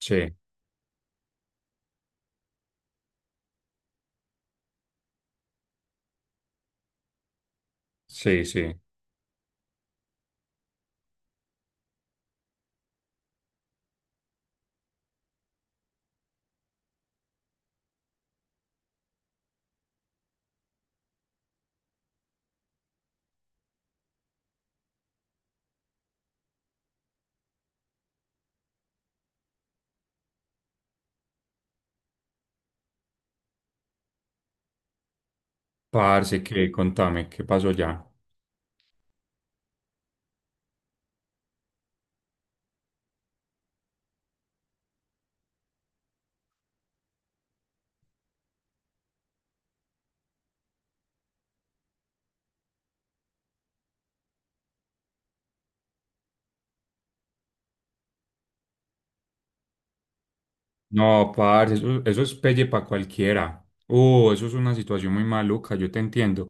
Sí, sí, sí. Parce, que contame, ¿qué pasó ya? No, parce, eso es pelle para cualquiera. Eso es una situación muy maluca, yo te entiendo.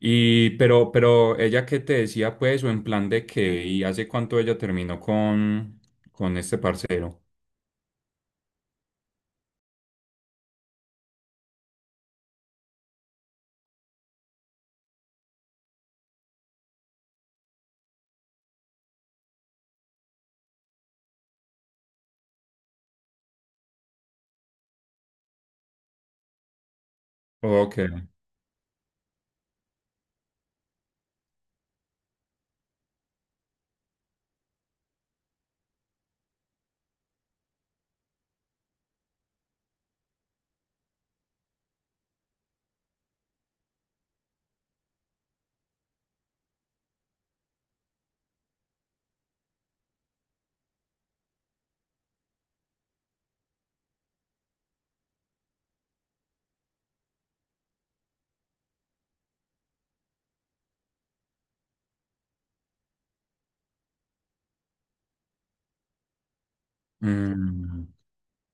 Pero ella qué te decía, pues, o en plan de qué, y hace cuánto ella terminó con este parcero. Ok. Mm.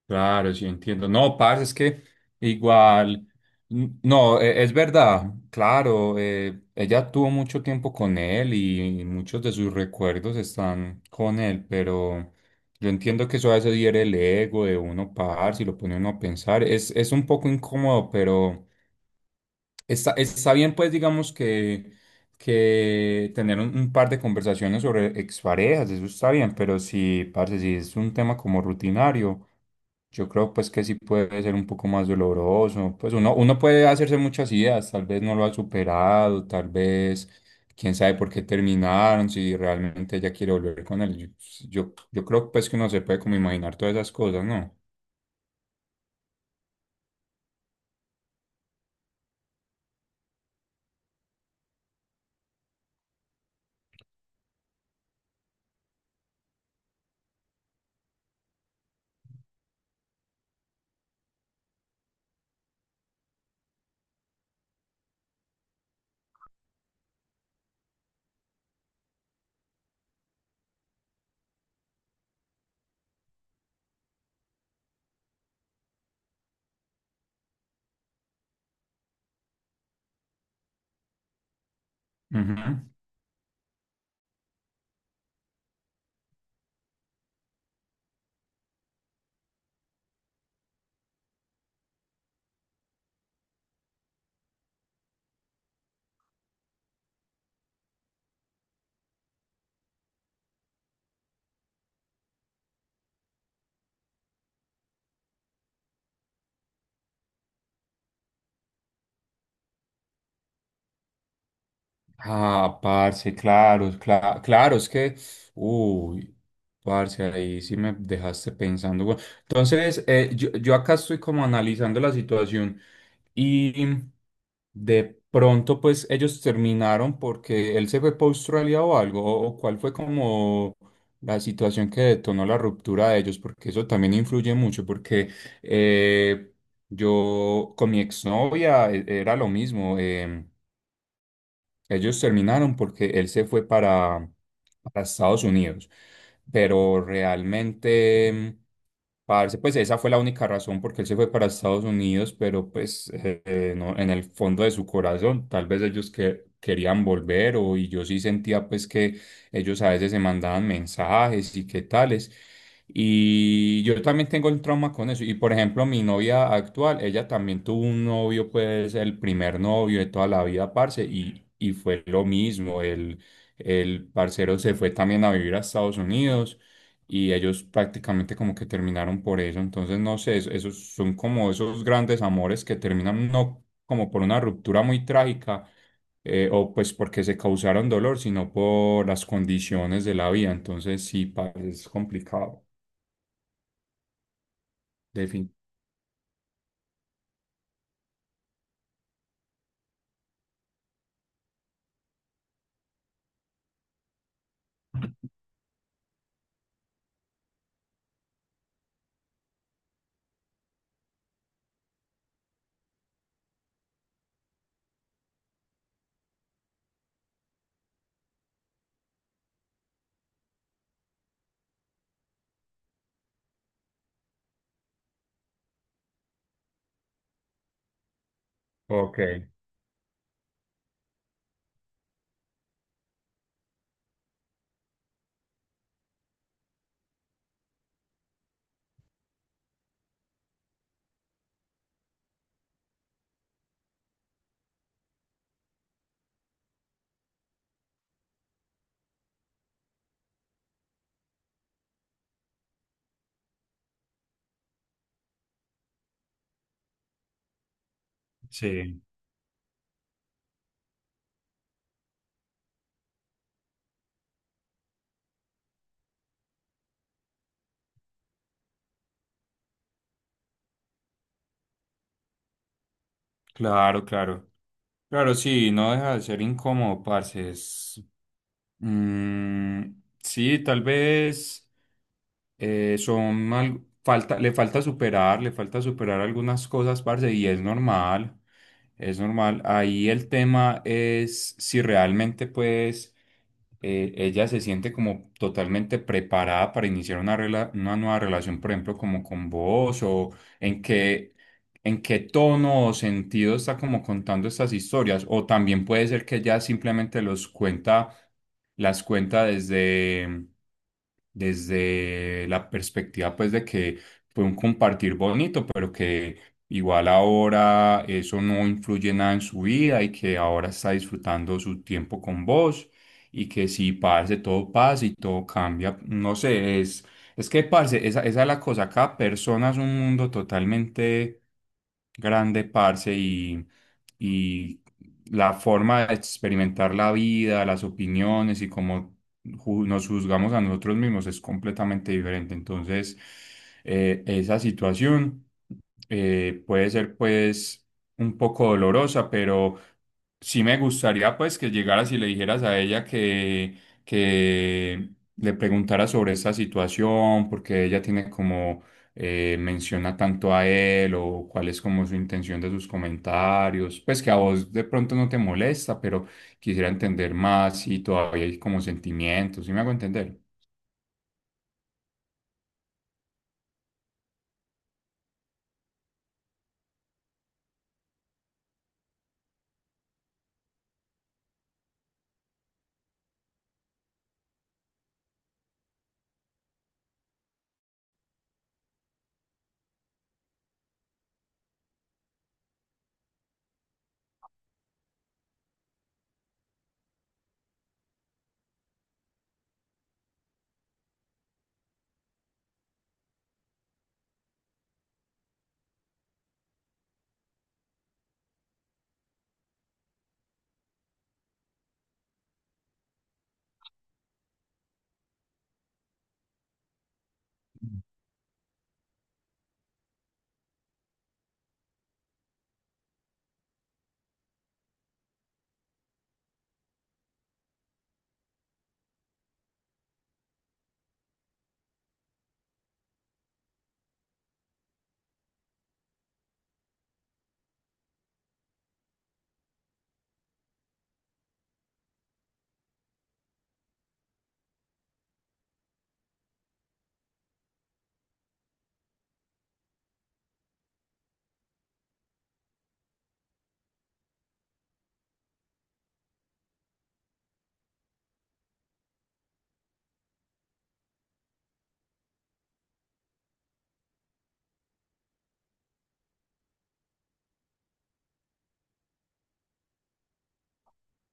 Claro, sí, entiendo. No, parce, es que igual, no, es verdad, claro, ella tuvo mucho tiempo con él y muchos de sus recuerdos están con él, pero yo entiendo que eso a veces hiere el ego de uno, parce, y lo pone uno a pensar. Es un poco incómodo, pero. Está bien, pues, digamos que tener un par de conversaciones sobre exparejas, eso está bien, pero si, parce, si es un tema como rutinario, yo creo, pues, que sí puede ser un poco más doloroso. Pues uno puede hacerse muchas ideas, tal vez no lo ha superado, tal vez, quién sabe por qué terminaron, si realmente ella quiere volver con él. Yo creo, pues, que uno se puede como imaginar todas esas cosas, ¿no? Ujú. Ah, parce, claro, claro, es que, uy, parce, ahí sí me dejaste pensando, güey. Entonces, yo acá estoy como analizando la situación y de pronto, pues, ellos terminaron porque él se fue para Australia o algo, o cuál fue como la situación que detonó la ruptura de ellos, porque eso también influye mucho, porque eh, yo con mi exnovia era lo mismo. Ellos terminaron porque él se fue para Estados Unidos, pero realmente, parce, pues esa fue la única razón porque él se fue para Estados Unidos, pero pues no, en el fondo de su corazón, tal vez querían volver, o y yo sí sentía pues que ellos a veces se mandaban mensajes y qué tales. Y yo también tengo el trauma con eso. Y por ejemplo, mi novia actual, ella también tuvo un novio, pues el primer novio de toda la vida, parce, y fue lo mismo. El parcero se fue también a vivir a Estados Unidos y ellos prácticamente como que terminaron por eso. Entonces, no sé, esos son como esos grandes amores que terminan no como por una ruptura muy trágica, o pues porque se causaron dolor, sino por las condiciones de la vida. Entonces, sí, parce, es complicado. Defin- Ok, sí, claro, claro. Claro, sí, no deja de ser incómodo, parce. Es, mm, sí, tal vez son mal, falta, le falta superar algunas cosas, parce, y es normal, es normal. Ahí el tema es si realmente, pues, ella se siente como totalmente preparada para iniciar una, una nueva relación, por ejemplo, como con vos, o en qué, en qué tono o sentido está como contando estas historias, o también puede ser que ella simplemente los cuenta, las cuenta desde, desde la perspectiva pues de que fue un compartir bonito, pero que igual ahora eso no influye nada en su vida y que ahora está disfrutando su tiempo con vos, y que si parce, todo pasa y todo cambia, no sé, es que parce, esa es la cosa, cada persona es un mundo totalmente grande, parce, y la forma de experimentar la vida, las opiniones y cómo nos juzgamos a nosotros mismos es completamente diferente. Entonces, esa situación puede ser pues un poco dolorosa, pero sí me gustaría pues que llegaras y le dijeras a ella que le preguntara sobre esta situación, porque ella tiene como, menciona tanto a él, o cuál es como su intención de sus comentarios, pues que a vos de pronto no te molesta, pero quisiera entender más si todavía hay como sentimientos, ¿sí me hago entender?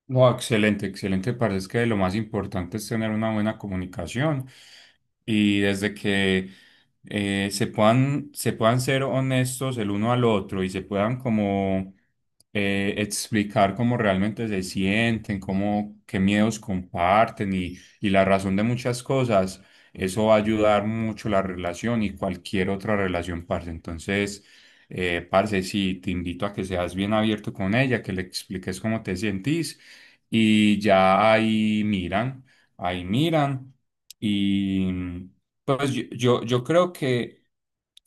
No, excelente, excelente. Parece que lo más importante es tener una buena comunicación, y desde que se puedan ser honestos el uno al otro y se puedan como explicar cómo realmente se sienten, cómo, qué miedos comparten y la razón de muchas cosas, eso va a ayudar mucho la relación y cualquier otra relación, parce. Entonces, parce, sí, te invito a que seas bien abierto con ella, que le expliques cómo te sentís y ya ahí miran, ahí miran. Y mm, pues yo creo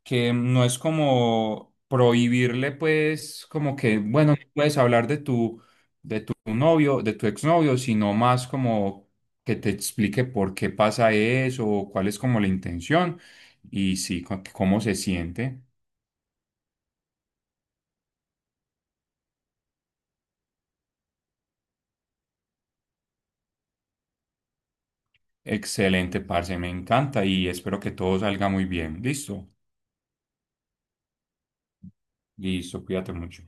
que no es como prohibirle, pues, como que, bueno, no puedes hablar de tu novio, de tu exnovio, sino más como que te explique por qué pasa eso, o cuál es como la intención, y sí, cómo se siente. Excelente, parce, me encanta y espero que todo salga muy bien. Listo, listo, cuídate mucho.